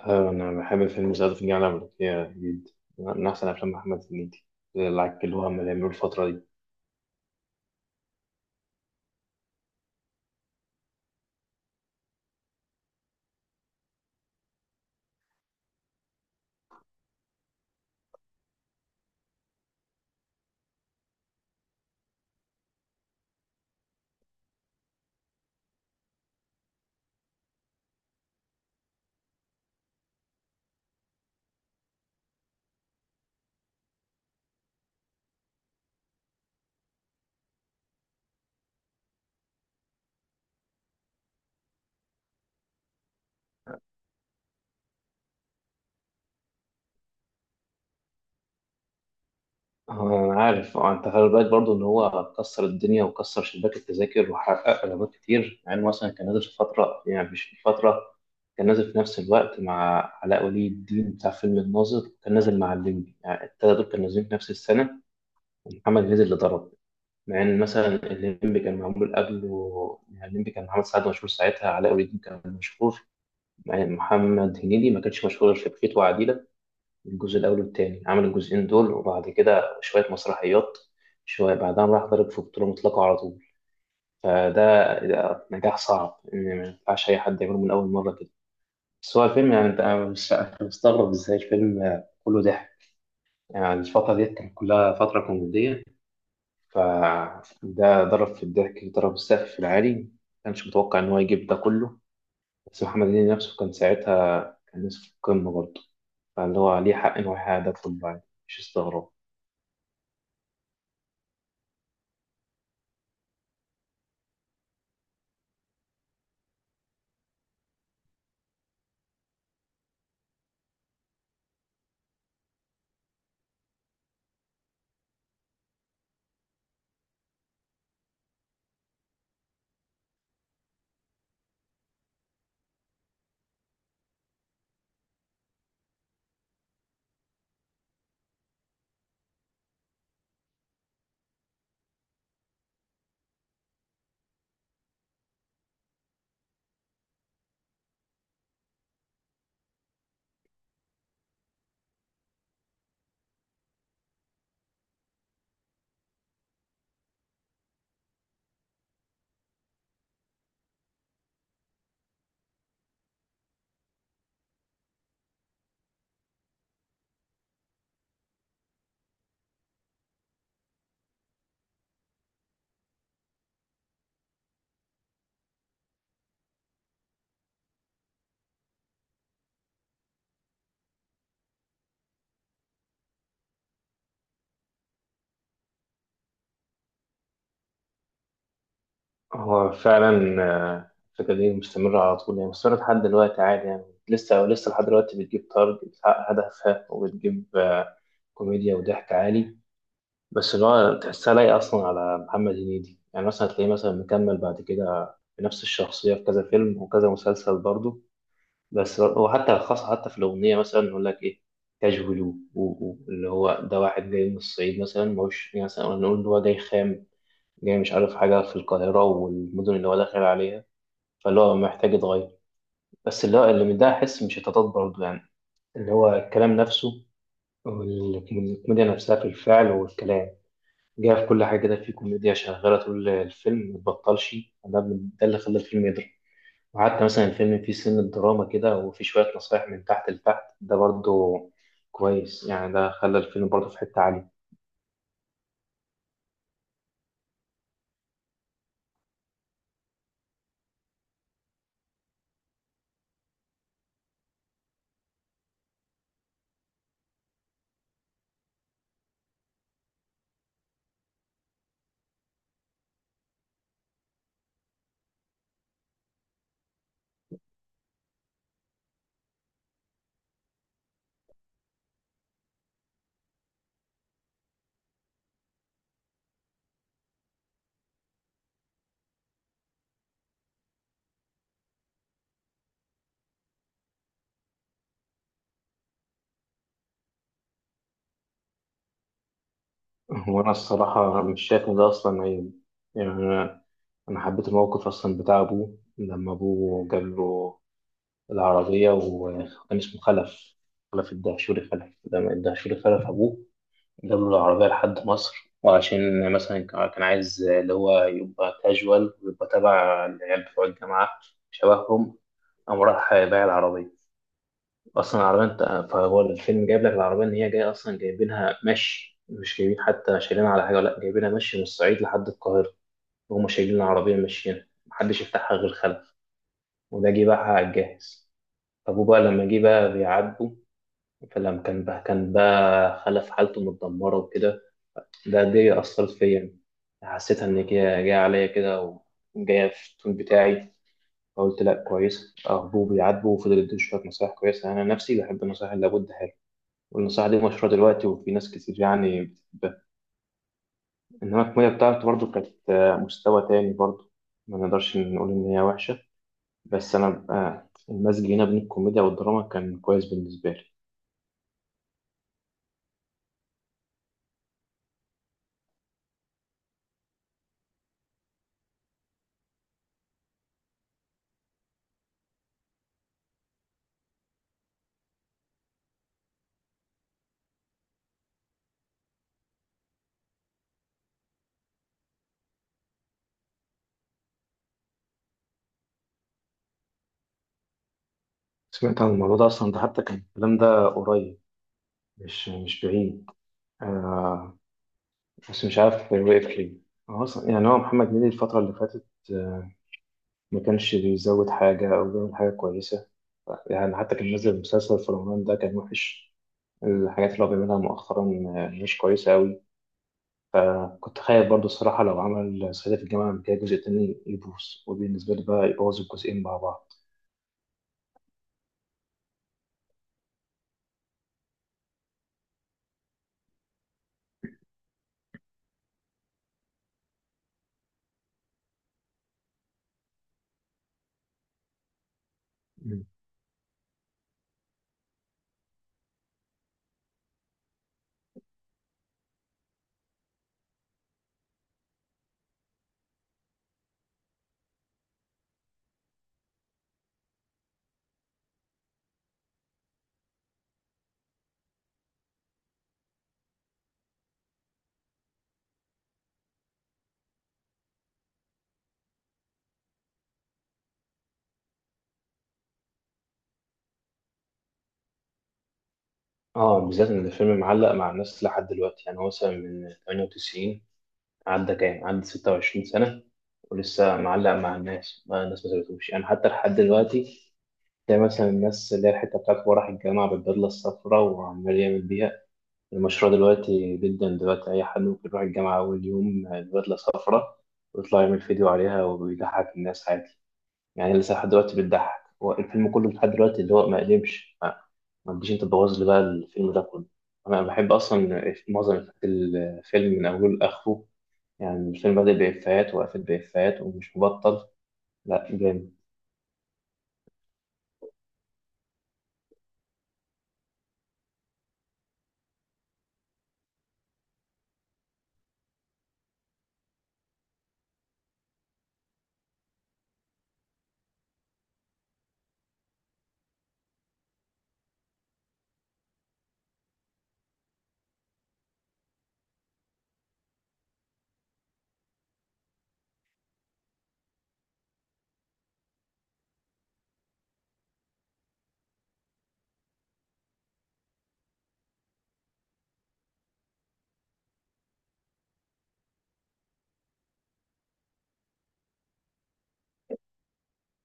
أنا بحب فيلم صعيدي في الجامعة الأمريكية جدا، من أحسن أفلام محمد هنيدي اللي عكلوها من اللي عملوا الفترة دي. آه، أنا عارف. أنت خلي بالك برضه إن هو كسر الدنيا وكسر شباك التذاكر وحقق إيرادات كتير، مع إنه مثلا كان نازل في فترة، يعني مش في فترة، كان نازل في نفس الوقت مع علاء ولي الدين بتاع فيلم الناظر، كان نازل مع الليمبي، يعني التلاتة دول كانوا نازلين في نفس السنة. ومحمد هنيدي اللي ضرب، مع ان مثلا الليمبي كان معمول قبله. يعني الليمبي كان محمد سعد مشهور ساعتها، علاء ولي الدين كان مشهور، يعني محمد هنيدي ما كانش مشهور غير في بخيت وعديلة الجزء الأول والتاني، عمل الجزئين دول وبعد كده شوية مسرحيات، شوية بعدها راح ضرب في بطولة مطلقة على طول. فده ده نجاح صعب، إن ما ينفعش أي حد يعمله من أول مرة كده. بس هو الفيلم، يعني أنت أنا مش، أنا مستغرب إزاي الفيلم كله ضحك. يعني الفترة ديت كانت كلها فترة كوميدية، فده ضرب في الضحك، ضرب السقف في العالي، ما كانش متوقع إن هو يجيب ده كله. بس محمد هنيدي نفسه كان ساعتها، كان لسه في القمة برضه، فاللي هو عليه حق إن هو يحقق ده كله عادي، مش استغراب. هو فعلا الفكرة دي مستمرة على طول، يعني مستمرة لحد دلوقتي عادي، يعني لسه لحد دلوقتي بتجيب تارجت، بتحقق هدفها وبتجيب كوميديا وضحك عالي. بس اللي هو تحسها لايقة أصلا على محمد هنيدي. يعني مثلا هتلاقيه مثلا مكمل بعد كده بنفس الشخصية في كذا فيلم وكذا مسلسل برضه. بس وحتى خاصة حتى في الأغنية مثلا يقول لك إيه، كاجولو، اللي هو ده واحد جاي من الصعيد، مثلا مش يعني مثلا نقول إن هو جاي خام، جاي مش عارف حاجة في القاهرة والمدن اللي هو داخل عليها، فاللي هو محتاج يتغير. بس اللي هو، اللي من ده أحس مش هتتضاد برضه. يعني اللي هو الكلام نفسه والكوميديا نفسها في الفعل والكلام، جاي في كل حاجة كده، في كوميديا شغالة طول الفيلم متبطلش. ده اللي خلى الفيلم يضرب. وحتى مثلا الفيلم فيه سن الدراما كده، وفيه شوية نصايح من تحت لتحت، ده برضو كويس. يعني ده خلى الفيلم برضو في حتة عالية. وأنا الصراحة مش شايف إن ده أصلا عيب. يعني أنا حبيت الموقف أصلا بتاع أبوه، لما أبوه جاب له العربية وكان اسمه خلف. خلف الدهشوري خلف، لما الدهشوري خلف أبوه جاب له العربية لحد مصر، وعشان مثلا كان عايز اللي هو يبقى كاجوال ويبقى تبع العيال بتوع الجامعة، شبههم، قام راح بايع العربية أصلا. العربية أنت، فهو الفيلم جايب لك العربية إن هي جاية أصلا، جايبينها مشي، مش جايبين حتى شايلينها على حاجة، ولا جايبينها مشي من الصعيد لحد القاهرة، وهم شايلين العربية ماشيين، محدش يفتحها غير خلف، وده جه باعها على الجاهز. أبوه بقى لما جه بقى بيعاتبه، فلما كان بقى، كان بقى خلف حالته متدمرة وكده، ده دي أثرت فيا يعني. حسيتها إن هي جاية عليا كده، وجاية في التون بتاعي. فقلت لا، كويسة، أخبوه بيعاتبه وفضل يديه شوية نصايح كويسة. أنا نفسي بحب النصايح اللي لابد ها، والنصيحة دي مشهورة دلوقتي وفي ناس كتير يعني بتحبها. إنما الكوميديا بتاعته برضه كانت مستوى تاني برضه، ما نقدرش نقول إن هي وحشة. بس أنا المزج هنا بين الكوميديا والدراما كان كويس بالنسبة لي. سمعت عن الموضوع ده أصلا، ده حتى كان الكلام ده قريب، مش بعيد. آه، بس مش عارف وقف ليه. هو أصلا يعني، هو محمد هنيدي الفترة اللي فاتت آه، ما كانش بيزود حاجة أو بيعمل حاجة كويسة. يعني حتى كان نازل مسلسل في رمضان ده كان وحش، الحاجات اللي هو بيعملها مؤخرا مش كويسة أوي. كنت خايف برضو الصراحة لو عمل صعيدي في الجامعة الأمريكية جزء تاني يبوظ، وبالنسبة لي بقى يبوظ الجزئين مع بعض. مم. اه، بالذات إن الفيلم معلق مع الناس لحد دلوقتي. يعني هو مثلا من 98، عدى كام؟ عدى 26 سنة، ولسه معلق مع الناس، ما الناس ما سابتهوش يعني حتى لحد دلوقتي. تلاقي مثلا الناس اللي هي الحتة بتاعت هو راح الجامعة بالبدلة الصفراء وعمال يعمل بيها المشروع، دلوقتي جدا دلوقتي أي حد ممكن يروح الجامعة أول يوم بدلة صفرا ويطلع يعمل فيديو عليها ويضحك الناس عادي. يعني لسه لحد دلوقتي بتضحك، هو الفيلم كله لحد دلوقتي اللي هو ما قدمش، ما تجيش أنت تبوظ لي بقى الفيلم ده كله. أنا بحب أصلا معظم إفيهات الفيلم من أوله لآخره. يعني الفيلم بادئ بإفيهات وقفل بإفيهات، ومش مبطل. لا جامد.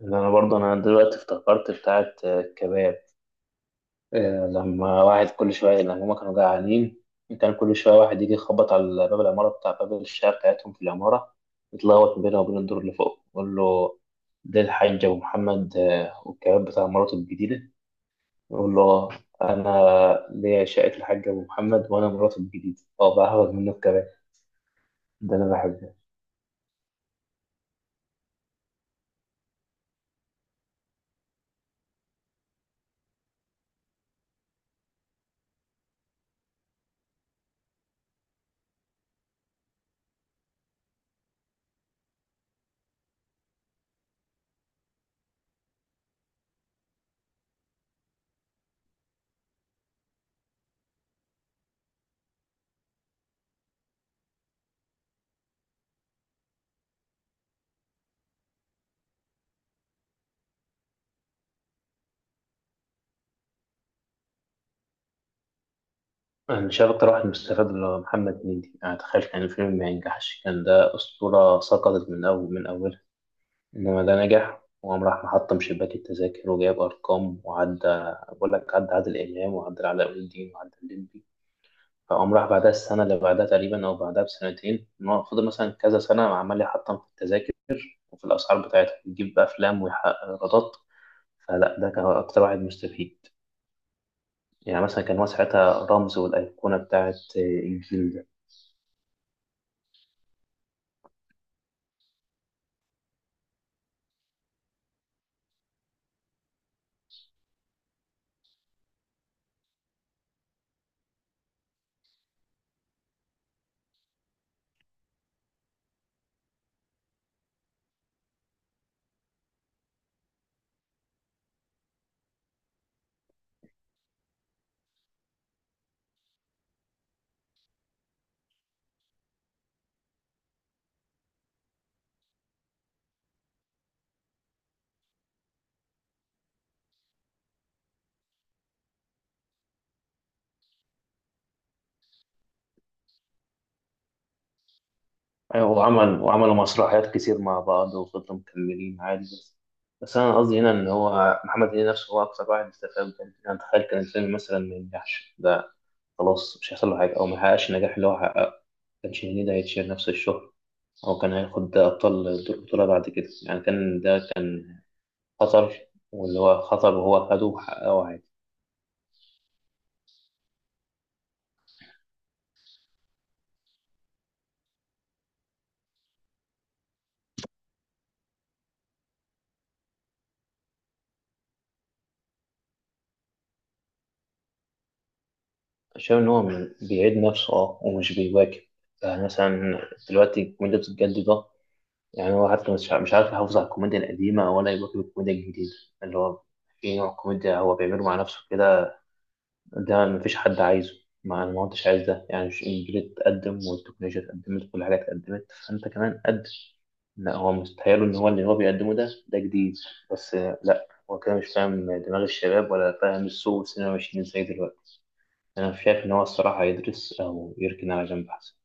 اللي أنا برضه أنا دلوقتي افتكرت بتاعة كباب. لما واحد كل شوية، لما هما كانوا جعانين، كان كل شوية واحد يجي يخبط على باب العمارة بتاع، باب الشقة بتاعتهم في العمارة، يتلخبط بينه وبين الدور اللي فوق، يقول له ده الحاج أبو محمد والكباب بتاع مراته الجديدة. يقول له أنا ليا، شقة الحاج أبو محمد، وأنا مراته الجديدة، أه بقى هاخد منه الكباب. ده أنا بحبه. أنا مش عارف، أكتر واحد مستفاد اللي هو محمد هنيدي. أنا تخيل كان الفيلم ما ينجحش، كان ده أسطورة سقطت من أول، من أولها. إنما ده نجح، وقام راح محطم شباك التذاكر وجايب أرقام، وعدى بقول لك، عدى عادل إمام وعدى علاء ولي الدين وعدى الليمبي. فقام راح بعدها السنة اللي بعدها تقريبا، أو بعدها بسنتين، إن هو فضل مثلا كذا سنة عمال يحطم في التذاكر وفي الأسعار بتاعتها، يجيب أفلام ويحقق إيرادات. فلا ده كان أكتر واحد مستفيد، يعني مثلا كان هو ساعتها رمز والأيقونة بتاعت الجيل ده. أيوة، وعمل وعملوا مسرحيات كتير مع بعض وفضلوا مكملين عادي. بس، بس أنا قصدي هنا إن هو محمد هنيدي نفسه هو أكثر واحد استفاد. كان أنا أتخيل كان الفيلم مثلا ما ينجحش ده، خلاص مش هيحصل له حاجة أو ما يحققش النجاح اللي هو حققه، ما كانش هنيدي هيتشير نفس الشهرة، أو كان هياخد ده، أبطال دور بطولة بعد كده. يعني كان ده كان خطر، واللي هو خطر وهو خده وحققه عادي. شايف إن هو بيعيد نفسه، أه، ومش بيواكب. يعني مثلا دلوقتي الكوميديا بتتجدد، يعني هو حتى مش عارف يحافظ على الكوميديا القديمة ولا يواكب الكوميديا الجديدة. اللي هو في نوع كوميديا هو بيعمله مع نفسه كده، ده مفيش حد عايزه. ما أنا ما كنتش عايز ده، يعني مش الجيل اتقدم والتكنولوجيا اتقدمت، كل حاجة اتقدمت فأنت كمان قدم، لا هو مستحيل إن هو اللي هو بيقدمه ده ده جديد. بس لا هو كده مش فاهم دماغ الشباب، ولا فاهم السوق والسينما ماشيين ازاي دلوقتي. أنا شايف إن هو الصراحة يدرس أو يركن على جنب أحسن.